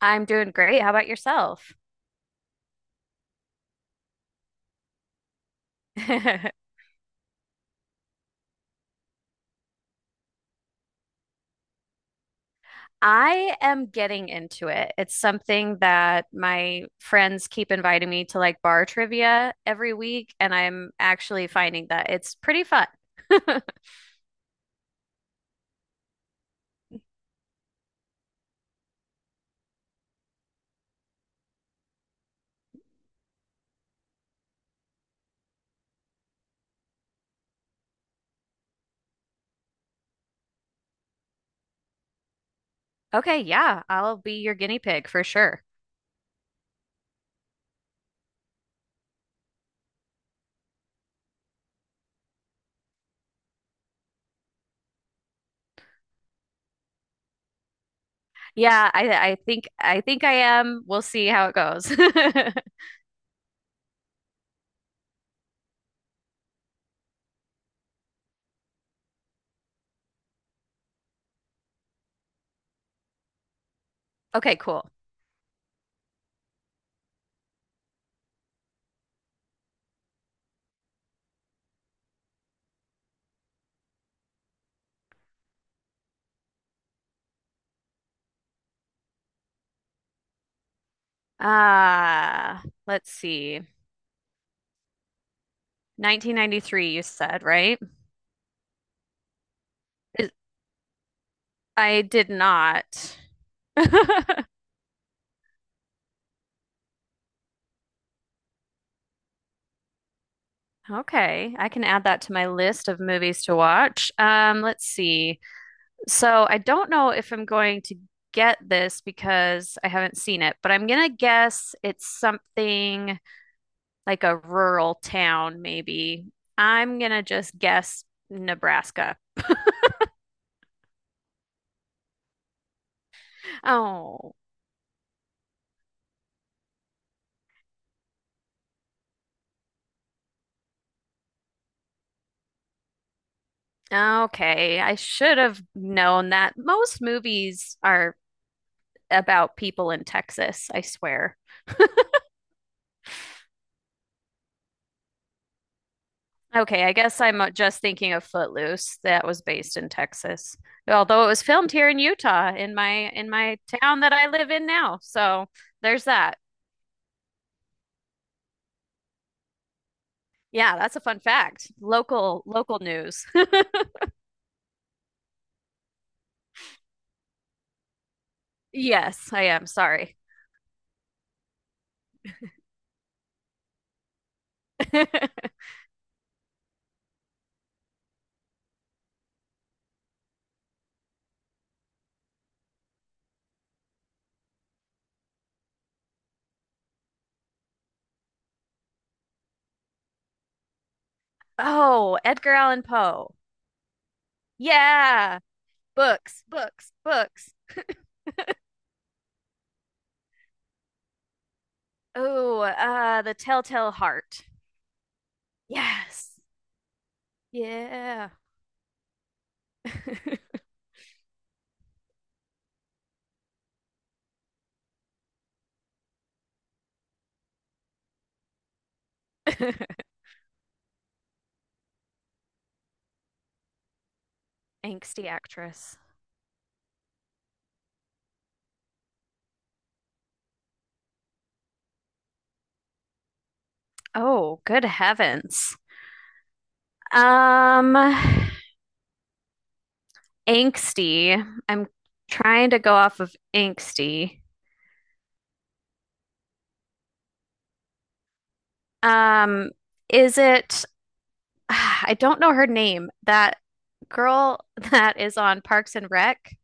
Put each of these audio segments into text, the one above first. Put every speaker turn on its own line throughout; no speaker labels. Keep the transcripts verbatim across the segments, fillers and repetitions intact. I'm doing great. How about yourself? I am getting into it. It's something that my friends keep inviting me to like bar trivia every week, and I'm actually finding that it's pretty fun. Okay, yeah, I'll be your guinea pig for sure. Yeah, I I think I think I am. We'll see how it goes. Okay, cool. Uh, let's see. nineteen ninety-three you said, right? Is- I did not. Okay, I can add that to my list of movies to watch. Um, let's see. So I don't know if I'm going to get this because I haven't seen it, but I'm gonna guess it's something like a rural town, maybe. I'm gonna just guess Nebraska. Oh, okay. I should have known that. Most movies are about people in Texas, I swear. Okay, I guess I'm uh, just thinking of Footloose. That was based in Texas, although it was filmed here in Utah, in my in my town that I live in now. So there's that. Yeah, that's a fun fact. Local local news. Yes, I am. Sorry. Oh, Edgar Allan Poe. Yeah, books, books, books. Oh, uh, The Telltale Heart. Yes. Yeah. Angsty actress. Oh, good heavens. Um, angsty. I'm trying to go off of angsty. Um, is it, I don't know her name, that girl that is on Parks and Rec?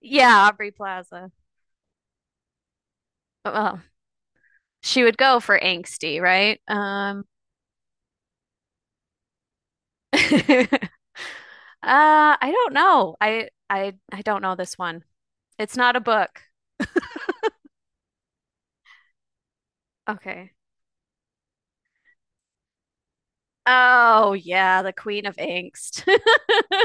Yeah, Aubrey Plaza. Well, she would go for angsty, right? Um, uh, I don't know. I I I don't know this one. It's not a book. Okay. Oh, yeah, the Queen of Angst.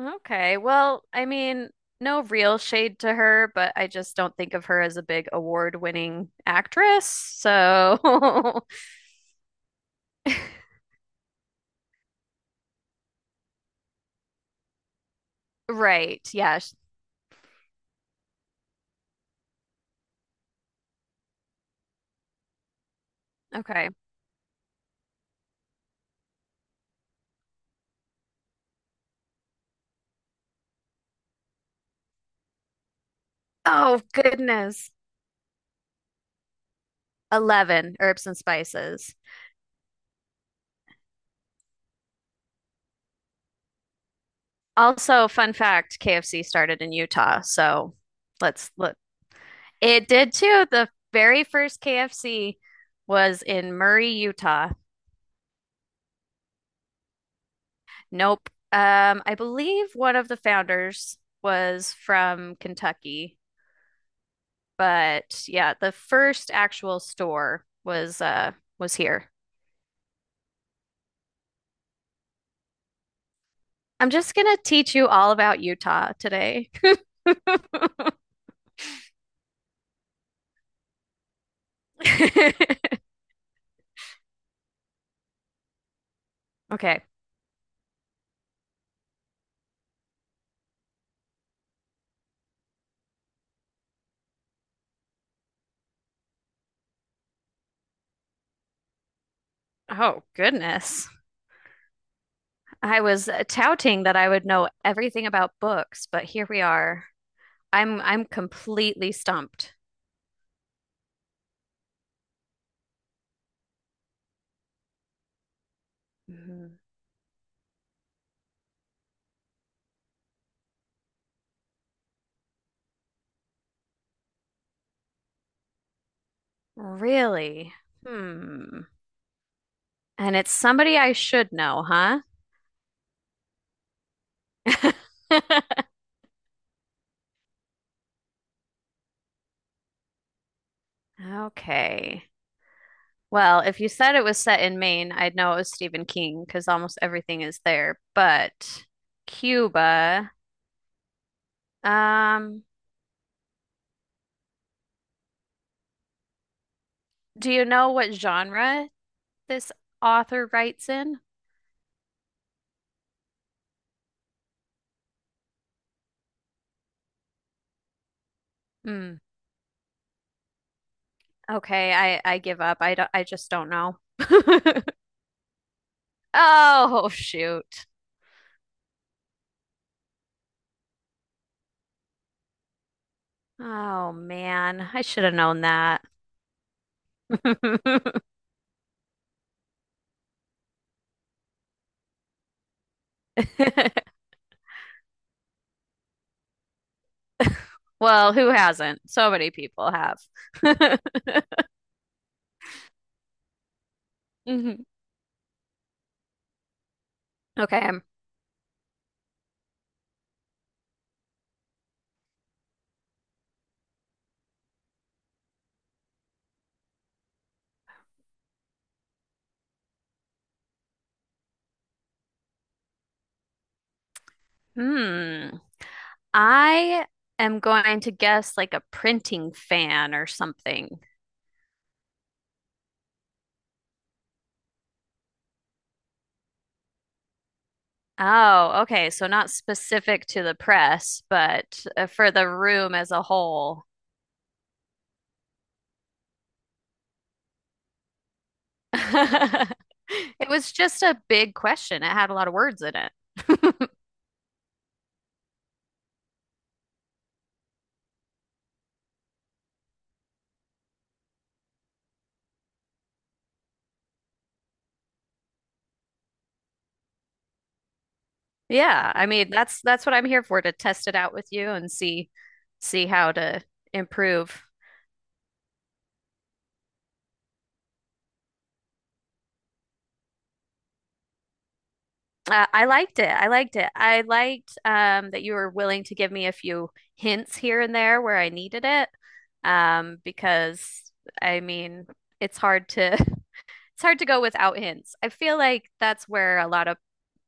Okay. Well, I mean, no real shade to her, but I just don't think of her as a big award-winning actress. So, right. Yeah. sh- Okay. Oh, goodness. eleven herbs and spices. Also, fun fact, K F C started in Utah. So, let's look. It did too. The very first K F C was in Murray, Utah. Nope. Um, I believe one of the founders was from Kentucky. But yeah, the first actual store was uh was here. I'm just gonna teach you all about Utah today. Okay. Oh, goodness. I was uh, touting that I would know everything about books, but here we are. I'm I'm completely stumped. Mhm. Really? Hmm. And it's somebody I should know, huh? Okay. Well, if you said it was set in Maine, I'd know it was Stephen King because almost everything is there. But Cuba, um, do you know what genre this author writes in? Hmm. Okay, I I give up. I don't, I just don't know. Oh, shoot. Oh man, I should have known that. Well, who hasn't? So many people have. Mhm. Okay. Hmm. I am going to guess like a printing fan or something. Oh, okay. So not specific to the press, but uh, for the room as a whole. It was just a big question. It had a lot of words in it. Yeah, I mean that's that's what I'm here for to test it out with you and see see how to improve. Uh, I liked it. I liked it. I liked um, that you were willing to give me a few hints here and there where I needed it. Um, because I mean, it's hard to it's hard to go without hints. I feel like that's where a lot of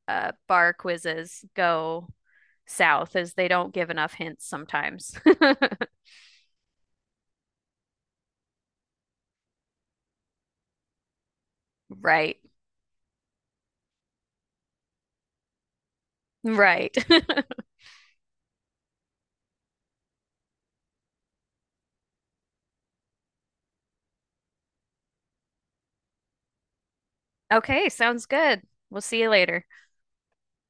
uh, bar quizzes go south, is they don't give enough hints sometimes. Right. Right. Okay, sounds good. We'll see you later.